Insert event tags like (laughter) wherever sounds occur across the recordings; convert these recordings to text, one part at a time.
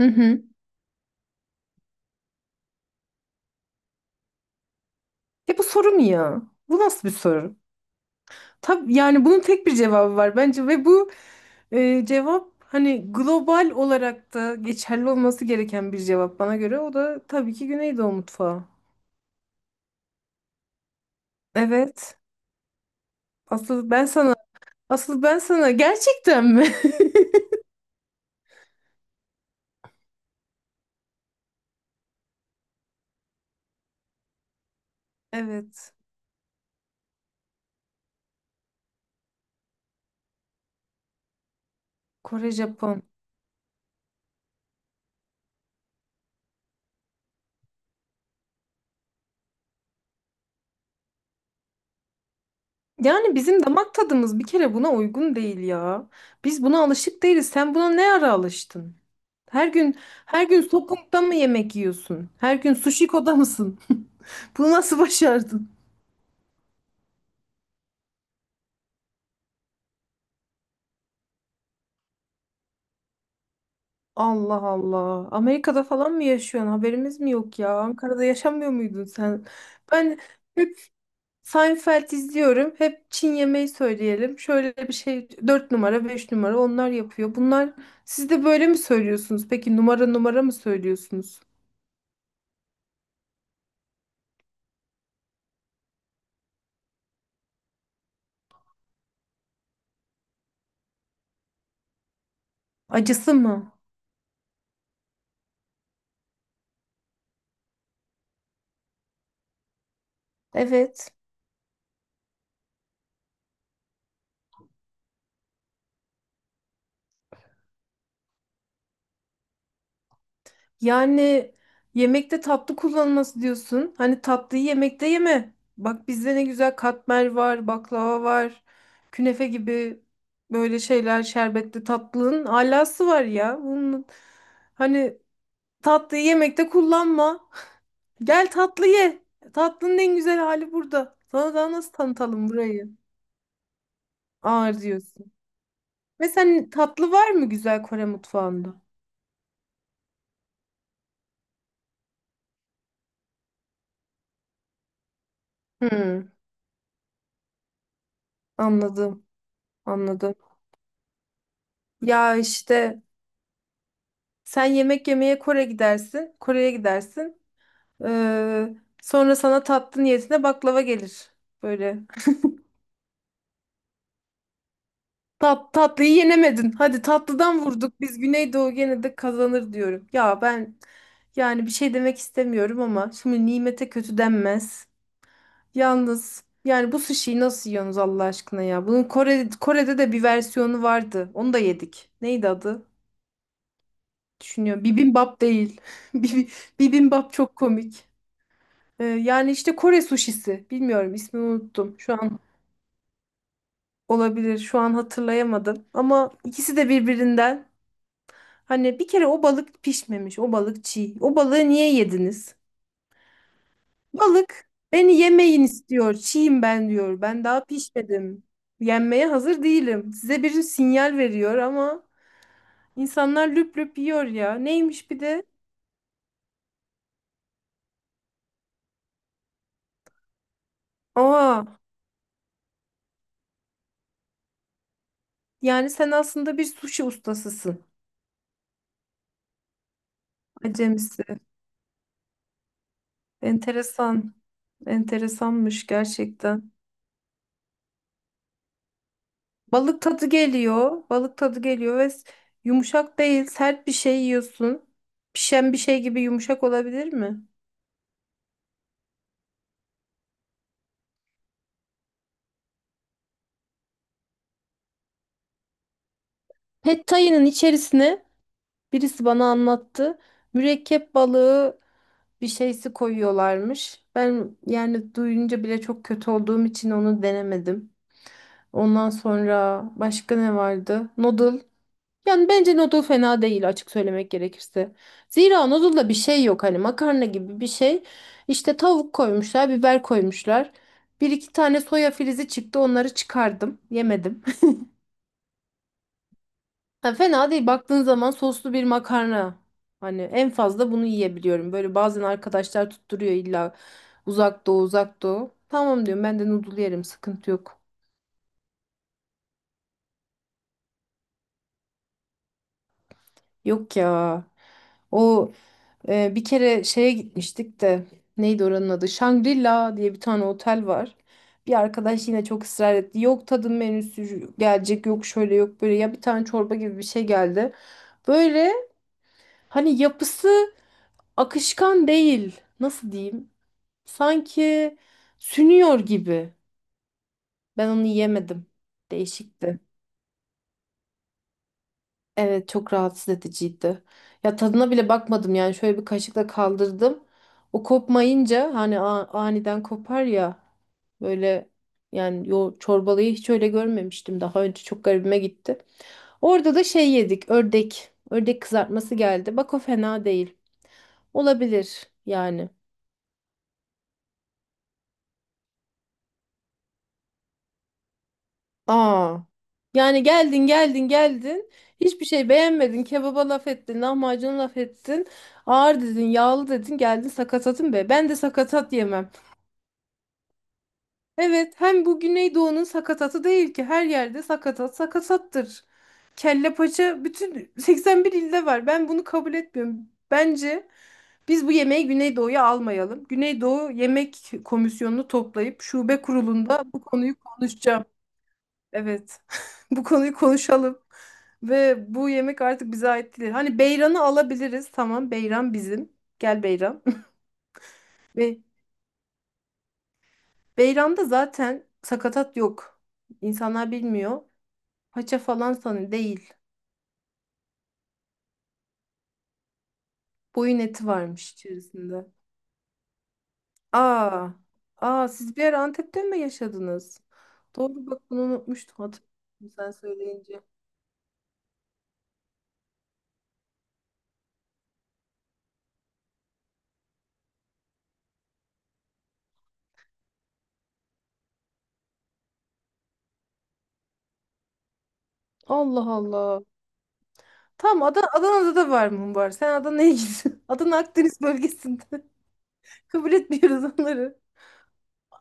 Hı hı. Bu soru mu ya? Bu nasıl bir soru? Tabii yani bunun tek bir cevabı var bence ve bu cevap hani global olarak da geçerli olması gereken bir cevap bana göre. O da tabii ki Güneydoğu mutfağı. Evet. Asıl ben sana, asıl ben sana gerçekten mi? (laughs) Evet. Kore, Japon. Yani bizim damak tadımız bir kere buna uygun değil ya. Biz buna alışık değiliz. Sen buna ne ara alıştın? Her gün her gün sokakta mı yemek yiyorsun? Her gün sushiko'da mısın? (laughs) Bunu nasıl başardın? Allah Allah. Amerika'da falan mı yaşıyorsun? Haberimiz mi yok ya? Ankara'da yaşamıyor muydun sen? Ben hep Seinfeld izliyorum. Hep Çin yemeği söyleyelim. Şöyle bir şey 4 numara, 5 numara onlar yapıyor. Bunlar siz de böyle mi söylüyorsunuz? Peki numara numara mı söylüyorsunuz? Acısı mı? Evet. Yani yemekte tatlı kullanılması diyorsun. Hani tatlıyı yemekte yeme. Bak bizde ne güzel katmer var, baklava var, künefe gibi böyle şeyler, şerbetli tatlının alası var ya. Hani tatlıyı yemekte kullanma. (laughs) Gel tatlı ye. Tatlının en güzel hali burada. Sana daha nasıl tanıtalım burayı? Ağır diyorsun. Ve sen, tatlı var mı güzel Kore mutfağında? Hmm, anladım. Anladım. Ya işte sen yemek yemeye Kore gidersin, Kore'ye gidersin. Ee, sonra sana tatlı niyetine baklava gelir. Böyle. Tatlıyı yenemedin. Hadi tatlıdan vurduk. Biz Güneydoğu gene de kazanır diyorum. Ya ben yani bir şey demek istemiyorum ama şimdi nimete kötü denmez. Yalnız yani bu sushi'yi nasıl yiyorsunuz Allah aşkına ya? Bunun Kore, Kore'de de bir versiyonu vardı. Onu da yedik. Neydi adı? Düşünüyorum. Bibimbap değil. (laughs) Bibi- Bibimbap çok komik. Yani işte Kore suşisi. Bilmiyorum, ismini unuttum. Şu an olabilir. Şu an hatırlayamadım. Ama ikisi de birbirinden. Hani bir kere o balık pişmemiş. O balık çiğ. O balığı niye yediniz? Balık beni yemeyin istiyor. Çiğim ben diyor. Ben daha pişmedim. Yenmeye hazır değilim. Size bir sinyal veriyor ama insanlar lüp lüp yiyor ya. Neymiş bir de? Aa, yani sen aslında bir sushi ustasısın. Acemisi. Enteresan. Enteresanmış gerçekten. Balık tadı geliyor. Yumuşak değil, sert bir şey yiyorsun. Pişen bir şey gibi yumuşak olabilir mi? Pad Thai'nin içerisine birisi bana anlattı. Mürekkep balığı bir şeysi koyuyorlarmış. Ben yani duyunca bile çok kötü olduğum için onu denemedim. Ondan sonra başka ne vardı? Noodle. Yani bence noodle fena değil, açık söylemek gerekirse. Zira noodle'da bir şey yok, hani makarna gibi bir şey. İşte tavuk koymuşlar, biber koymuşlar. Bir iki tane soya filizi çıktı, onları çıkardım, yemedim. (laughs) Ha, fena değil baktığın zaman, soslu bir makarna. Hani en fazla bunu yiyebiliyorum. Böyle bazen arkadaşlar tutturuyor illa uzak doğu uzak doğu. Tamam diyorum, ben de noodle yerim, sıkıntı yok. Yok ya. O bir kere şeye gitmiştik de neydi oranın adı? Shangri-La diye bir tane otel var. Bir arkadaş yine çok ısrar etti. Yok tadım menüsü gelecek, yok şöyle, yok böyle, ya bir tane çorba gibi bir şey geldi. Böyle hani yapısı akışkan değil. Nasıl diyeyim? Sanki sünüyor gibi. Ben onu yemedim. Değişikti. Evet, çok rahatsız ediciydi. Ya tadına bile bakmadım, yani şöyle bir kaşıkla kaldırdım. O kopmayınca, hani aniden kopar ya böyle, yani yo, çorbalıyı hiç öyle görmemiştim daha önce, çok garibime gitti. Orada da şey yedik, ördek. Ördek kızartması geldi. Bak o fena değil. Olabilir yani. Aa. Yani geldin hiçbir şey beğenmedin, kebaba laf ettin, lahmacuna laf ettin, ağır dedin, yağlı dedin, geldin sakatatın, be ben de sakatat yemem. Evet, hem bu Güneydoğu'nun sakatatı değil ki, her yerde sakatat sakatattır. Kelle paça bütün (laughs) 81 ilde var, ben bunu kabul etmiyorum. Bence biz bu yemeği Güneydoğu'ya almayalım. Güneydoğu Yemek Komisyonu'nu toplayıp şube kurulunda bu konuyu konuşacağım. Evet. (laughs) Bu konuyu konuşalım. Ve bu yemek artık bize ait değil. Hani beyranı alabiliriz. Tamam, beyran bizim. Gel beyran. (laughs) Ve beyranda zaten sakatat yok. İnsanlar bilmiyor. Paça falan sanı değil. Boyun eti varmış içerisinde. Aa. Aa, siz bir yer Antep'te mi yaşadınız? Doğru, bak bunu unutmuştum, hatırladım sen söyleyince. Allah Allah. Adana'da da var mı, var? Sen Adana'ya git. (laughs) Adana Akdeniz bölgesinde. Kabul etmiyoruz onları.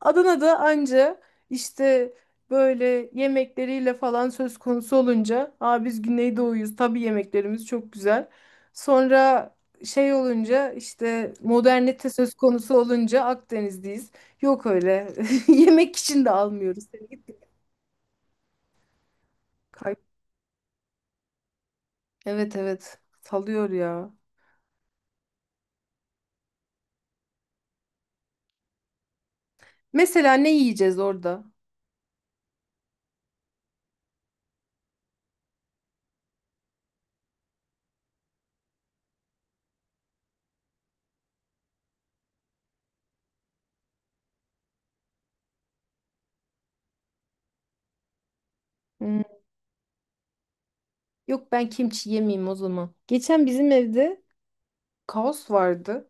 Adana'da anca işte böyle yemekleriyle falan söz konusu olunca, aa, biz Güneydoğuyuz tabii, yemeklerimiz çok güzel. Sonra şey olunca, işte modernite söz konusu olunca Akdeniz'deyiz. Yok öyle, (laughs) yemek için de almıyoruz. Seni git git kay- Evet evet salıyor ya. Mesela ne yiyeceğiz orada? Hmm, yok ben kimçi yemeyeyim o zaman. Geçen bizim evde kaos vardı.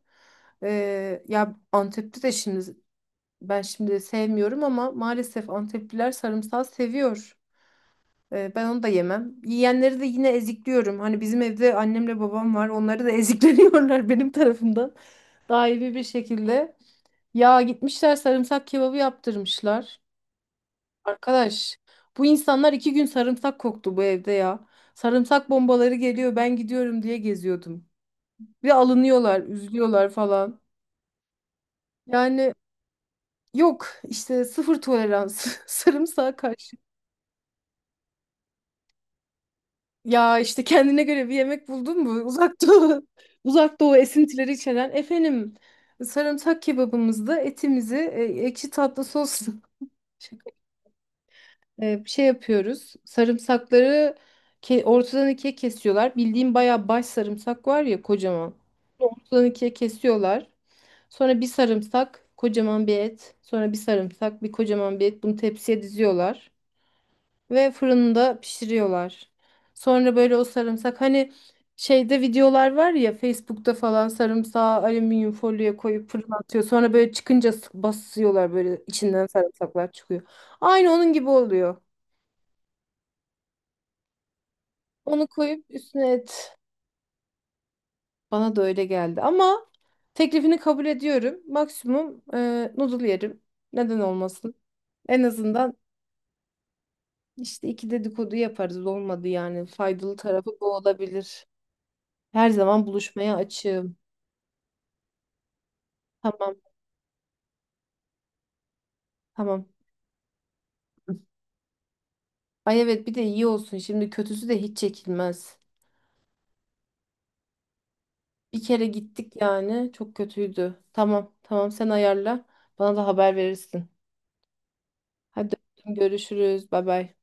Ya Antep'te de şimdi ben şimdi sevmiyorum ama maalesef Antepliler sarımsağı seviyor. Ben onu da yemem. Yiyenleri de yine ezikliyorum. Hani bizim evde annemle babam var. Onları da (laughs) ezikleniyorlar benim tarafımdan. Daimi bir şekilde. Ya gitmişler sarımsak kebabı yaptırmışlar. Arkadaş, bu insanlar iki gün sarımsak koktu bu evde ya. Sarımsak bombaları geliyor, ben gidiyorum diye geziyordum. Bir alınıyorlar, üzülüyorlar falan. Yani Yok işte sıfır tolerans (laughs) sarımsağa karşı. Ya işte kendine göre bir yemek buldun mu? Uzak Doğu, (laughs) Uzak Doğu esintileri içeren efendim sarımsak kebabımızda etimizi ekşi tatlı sosla (laughs) şey yapıyoruz. Sarımsakları ortadan ikiye kesiyorlar. Bildiğim bayağı baş sarımsak var ya, kocaman. Ortadan ikiye kesiyorlar. Sonra bir sarımsak, kocaman bir et. Sonra bir sarımsak, bir kocaman bir et. Bunu tepsiye diziyorlar. Ve fırında pişiriyorlar. Sonra böyle o sarımsak, hani şeyde videolar var ya Facebook'ta falan, sarımsağı alüminyum folyoya koyup fırına atıyor. Sonra böyle çıkınca basıyorlar, böyle içinden sarımsaklar çıkıyor. Aynı onun gibi oluyor. Onu koyup üstüne et. Bana da öyle geldi ama teklifini kabul ediyorum. Maksimum noodle yerim. Neden olmasın? En azından işte iki dedikodu yaparız, olmadı yani. Faydalı tarafı bu olabilir. Her zaman buluşmaya açığım. Tamam, tamam. Ay evet, bir de iyi olsun. Şimdi kötüsü de hiç çekilmez. Bir kere gittik yani çok kötüydü. Tamam, tamam sen ayarla. Bana da haber verirsin. Hadi öptüm, görüşürüz. Bay bay.